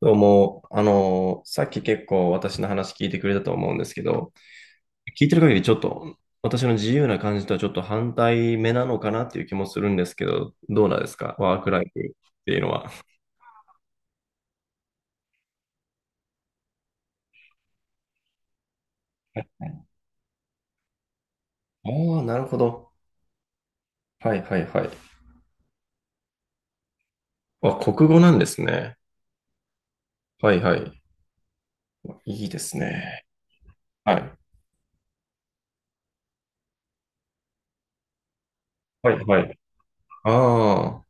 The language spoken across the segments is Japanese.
どうも、さっき結構私の話聞いてくれたと思うんですけど、聞いてる限りちょっと私の自由な感じとはちょっと反対目なのかなっていう気もするんですけど、どうなんですかワークライフっていうのは。ああ、なるほど。はいはいはい。あ、国語なんですね。はいはい。いいですね。はい。はいはい。あ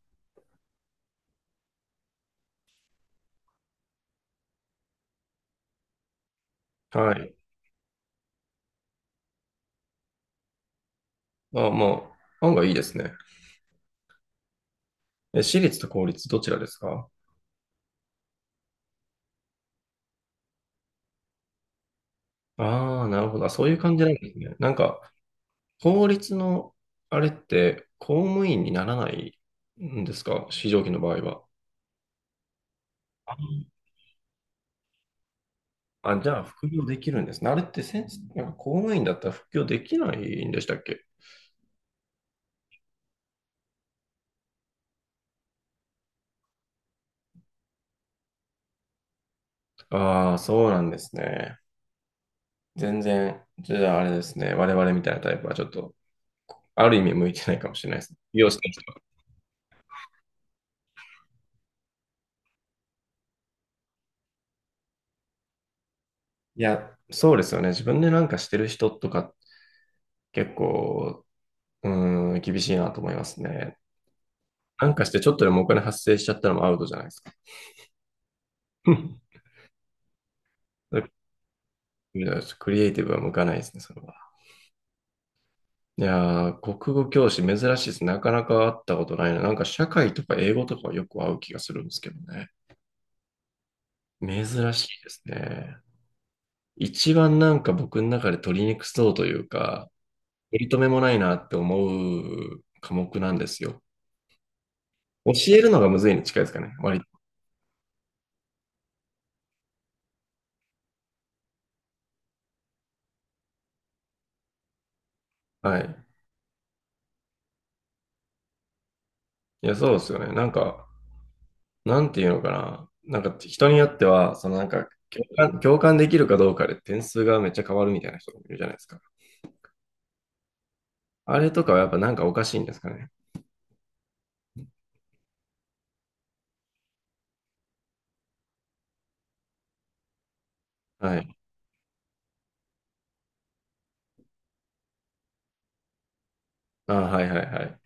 あ、はい。ああ、まあ、案外いいですね。え、私立と公立どちらですか？ああー、なるほど。あ、そういう感じなんですね。なんか、法律のあれって公務員にならないんですか、非常勤の場合は。あ、あ、じゃあ副業できるんですね。あれってせん、なんか公務員だったら副業できないんでしたっけ？ああ、そうなんですね。全然、じゃああれですね。我々みたいなタイプはちょっと、ある意味向いてないかもしれないです。利用してる人は。いや、そうですよね。自分でなんかしてる人とか結構、うーん、厳しいなと思いますね。なんかしてちょっとでもお金発生しちゃったのもアウトじゃないですか。いやクリエイティブは向かないですね、それは。いやー、国語教師珍しいです。なかなか会ったことないな。なんか社会とか英語とかはよく会う気がするんですけどね。珍しいですね。一番なんか僕の中で取りにくそうというか、取り留めもないなって思う科目なんですよ。教えるのがむずいに近いですかね、割と。はい。いや、そうですよね。なんか、なんていうのかな。なんか人によっては、そのなんか共感できるかどうかで点数がめっちゃ変わるみたいな人もいるじゃないですか。あれとかはやっぱなんかおかしいんですかね。はい。ああ、はいはいはい。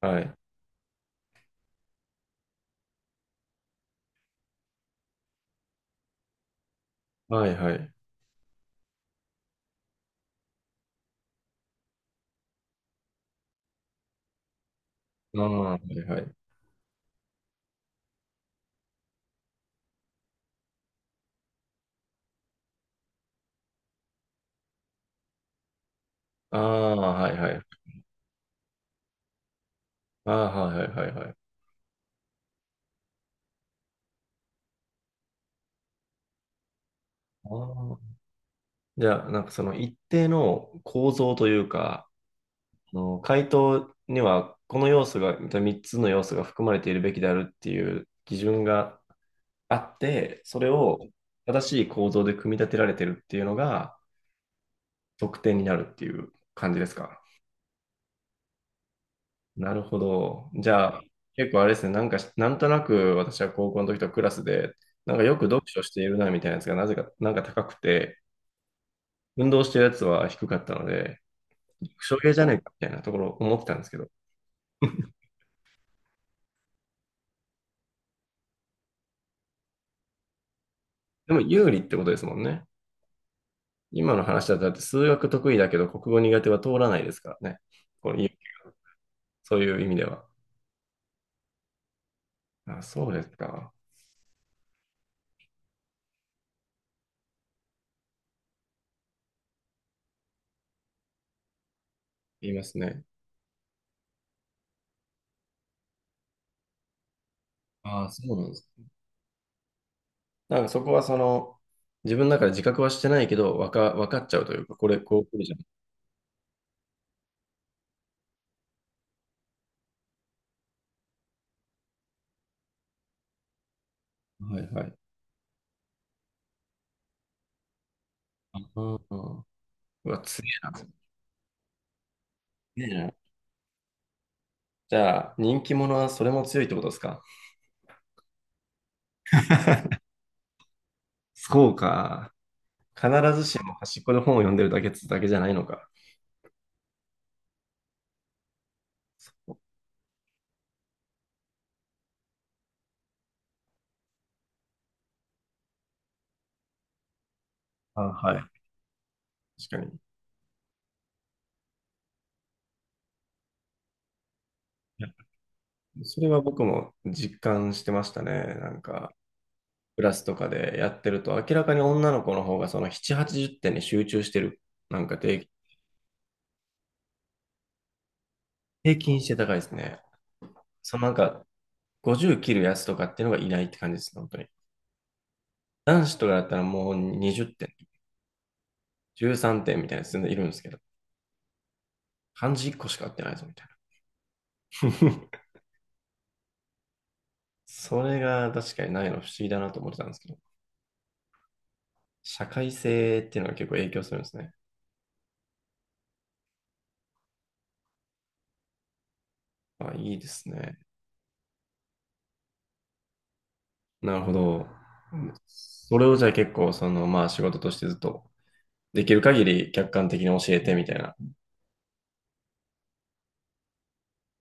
はい。はいはい。ああ、はいはい。ああ、はいはい。ああ、はいはいはいはい。ああ。じゃあ、なんかその一定の構造というか、あの回答にはこの要素が、3つの要素が含まれているべきであるっていう基準があって、それを正しい構造で組み立てられてるっていうのが得点になるっていう感じですか？なるほど。じゃあ、結構あれですね、なんか、なんとなく私は高校の時とクラスで、なんかよく読書しているなみたいなやつがなぜか、なんか高くて、運動してるやつは低かったので、副賞系じゃねえかみたいなところ思ってたんですけど、でも有利ってことですもんね。今の話だと、だって数学得意だけど国語苦手は通らないですからね。こういうそういう意味では。あ、そうですか。言いますね。ああ、そうなんです。なんかそこはその、自分の中で自覚はしてないけど、わかっちゃうというか、これ、こう来るじゃん。はいはい。うんうん。うわ、強いな。強えな。じゃあ、人気者はそれも強いってことですか？ そうか。必ずしも端っこで本を読んでるだけっつだけじゃないのか。そう、あ、はい。確かに。いや、それは僕も実感してましたね。なんか、クラスとかでやってると、明らかに女の子の方がその7、80点に集中してる。なんか平平均して高いですね。そのなんか、50切るやつとかっていうのがいないって感じですね、本当に。男子とかだったらもう20点。13点みたいなやつ全然いるんですけど、漢字1個しか合ってないぞみたいな。それが確かにないの不思議だなと思ってたんですけど、社会性っていうのが結構影響するんですね。あ、いいですね。なるほど。それをじゃあ結構、その、まあ仕事としてずっとできる限り客観的に教えてみたいな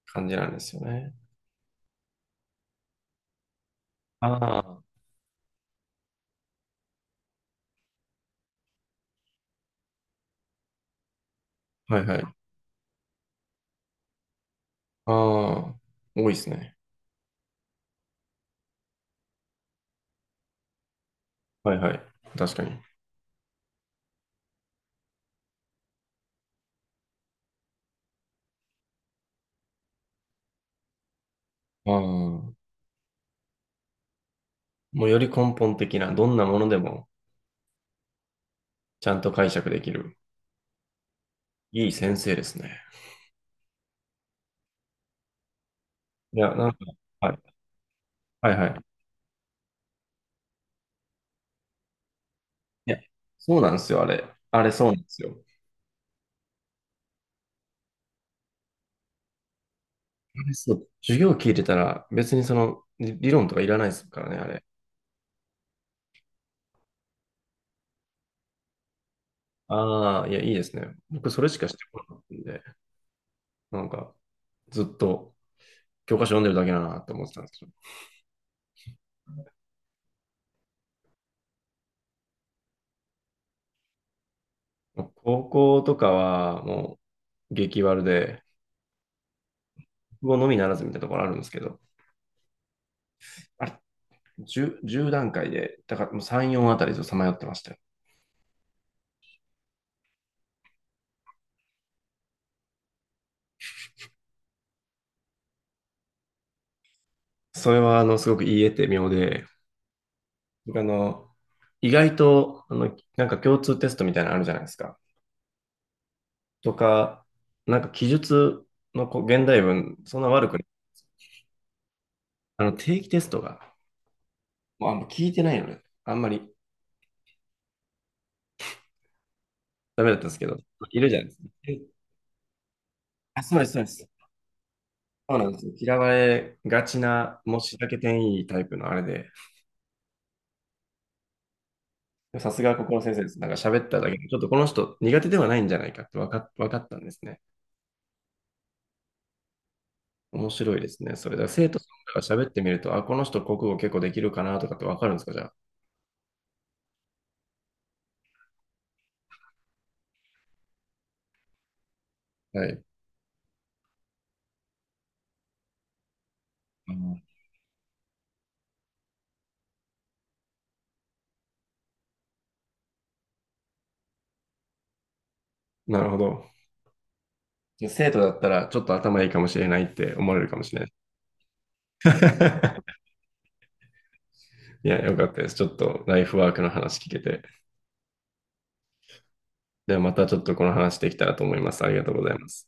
感じなんですよね。ああ、はいはい。ああ、多いですね。はいはい。確かに。ああ、もうより根本的な、どんなものでもちゃんと解釈できる。いい先生ですね。いや、なんか、はい、はいはい。いや、そうなんですよ、あれ。あれ、そうなんですよ。あれ、そう。授業聞いてたら、別にその、理論とかいらないですからね、あれ。ああ、いや、いいですね。僕、それしかしてこなかったんで、なんか、ずっと教科書読んでるだけだなって思ってたんですけど、高校とかは、もう、激悪で、国語のみならずみたいなところあるんですけど、あれ、10、じゅう段階で、だからもう3、4あたりずっとさまよってましたよ。それは、あの、すごく言い得て妙で、あの、意外と、あの、なんか共通テストみたいなのあるじゃないですか。とか、なんか記述のこう現代文、そんな悪くない。あの、定期テストが、もうあんま聞いてないのね。あんまりダメだったんですけど、いるじゃないですか。え、あ、そうです、そうです。そうなんですよ。嫌われがちな、もうしらけ点いいタイプのあれで、さすがここの先生です。なんか喋っただけで、ちょっとこの人苦手ではないんじゃないかってわかったんですね。面白いですね。それだから生徒さんが喋ってみると、あ、この人国語結構できるかなとかってわかるんですか、じゃあ。はい。あの、なるほど。じゃあ生徒だったらちょっと頭いいかもしれないって思われるかもしれない。いや、よかったです。ちょっとライフワークの話聞けて。ではまたちょっとこの話できたらと思います。ありがとうございます。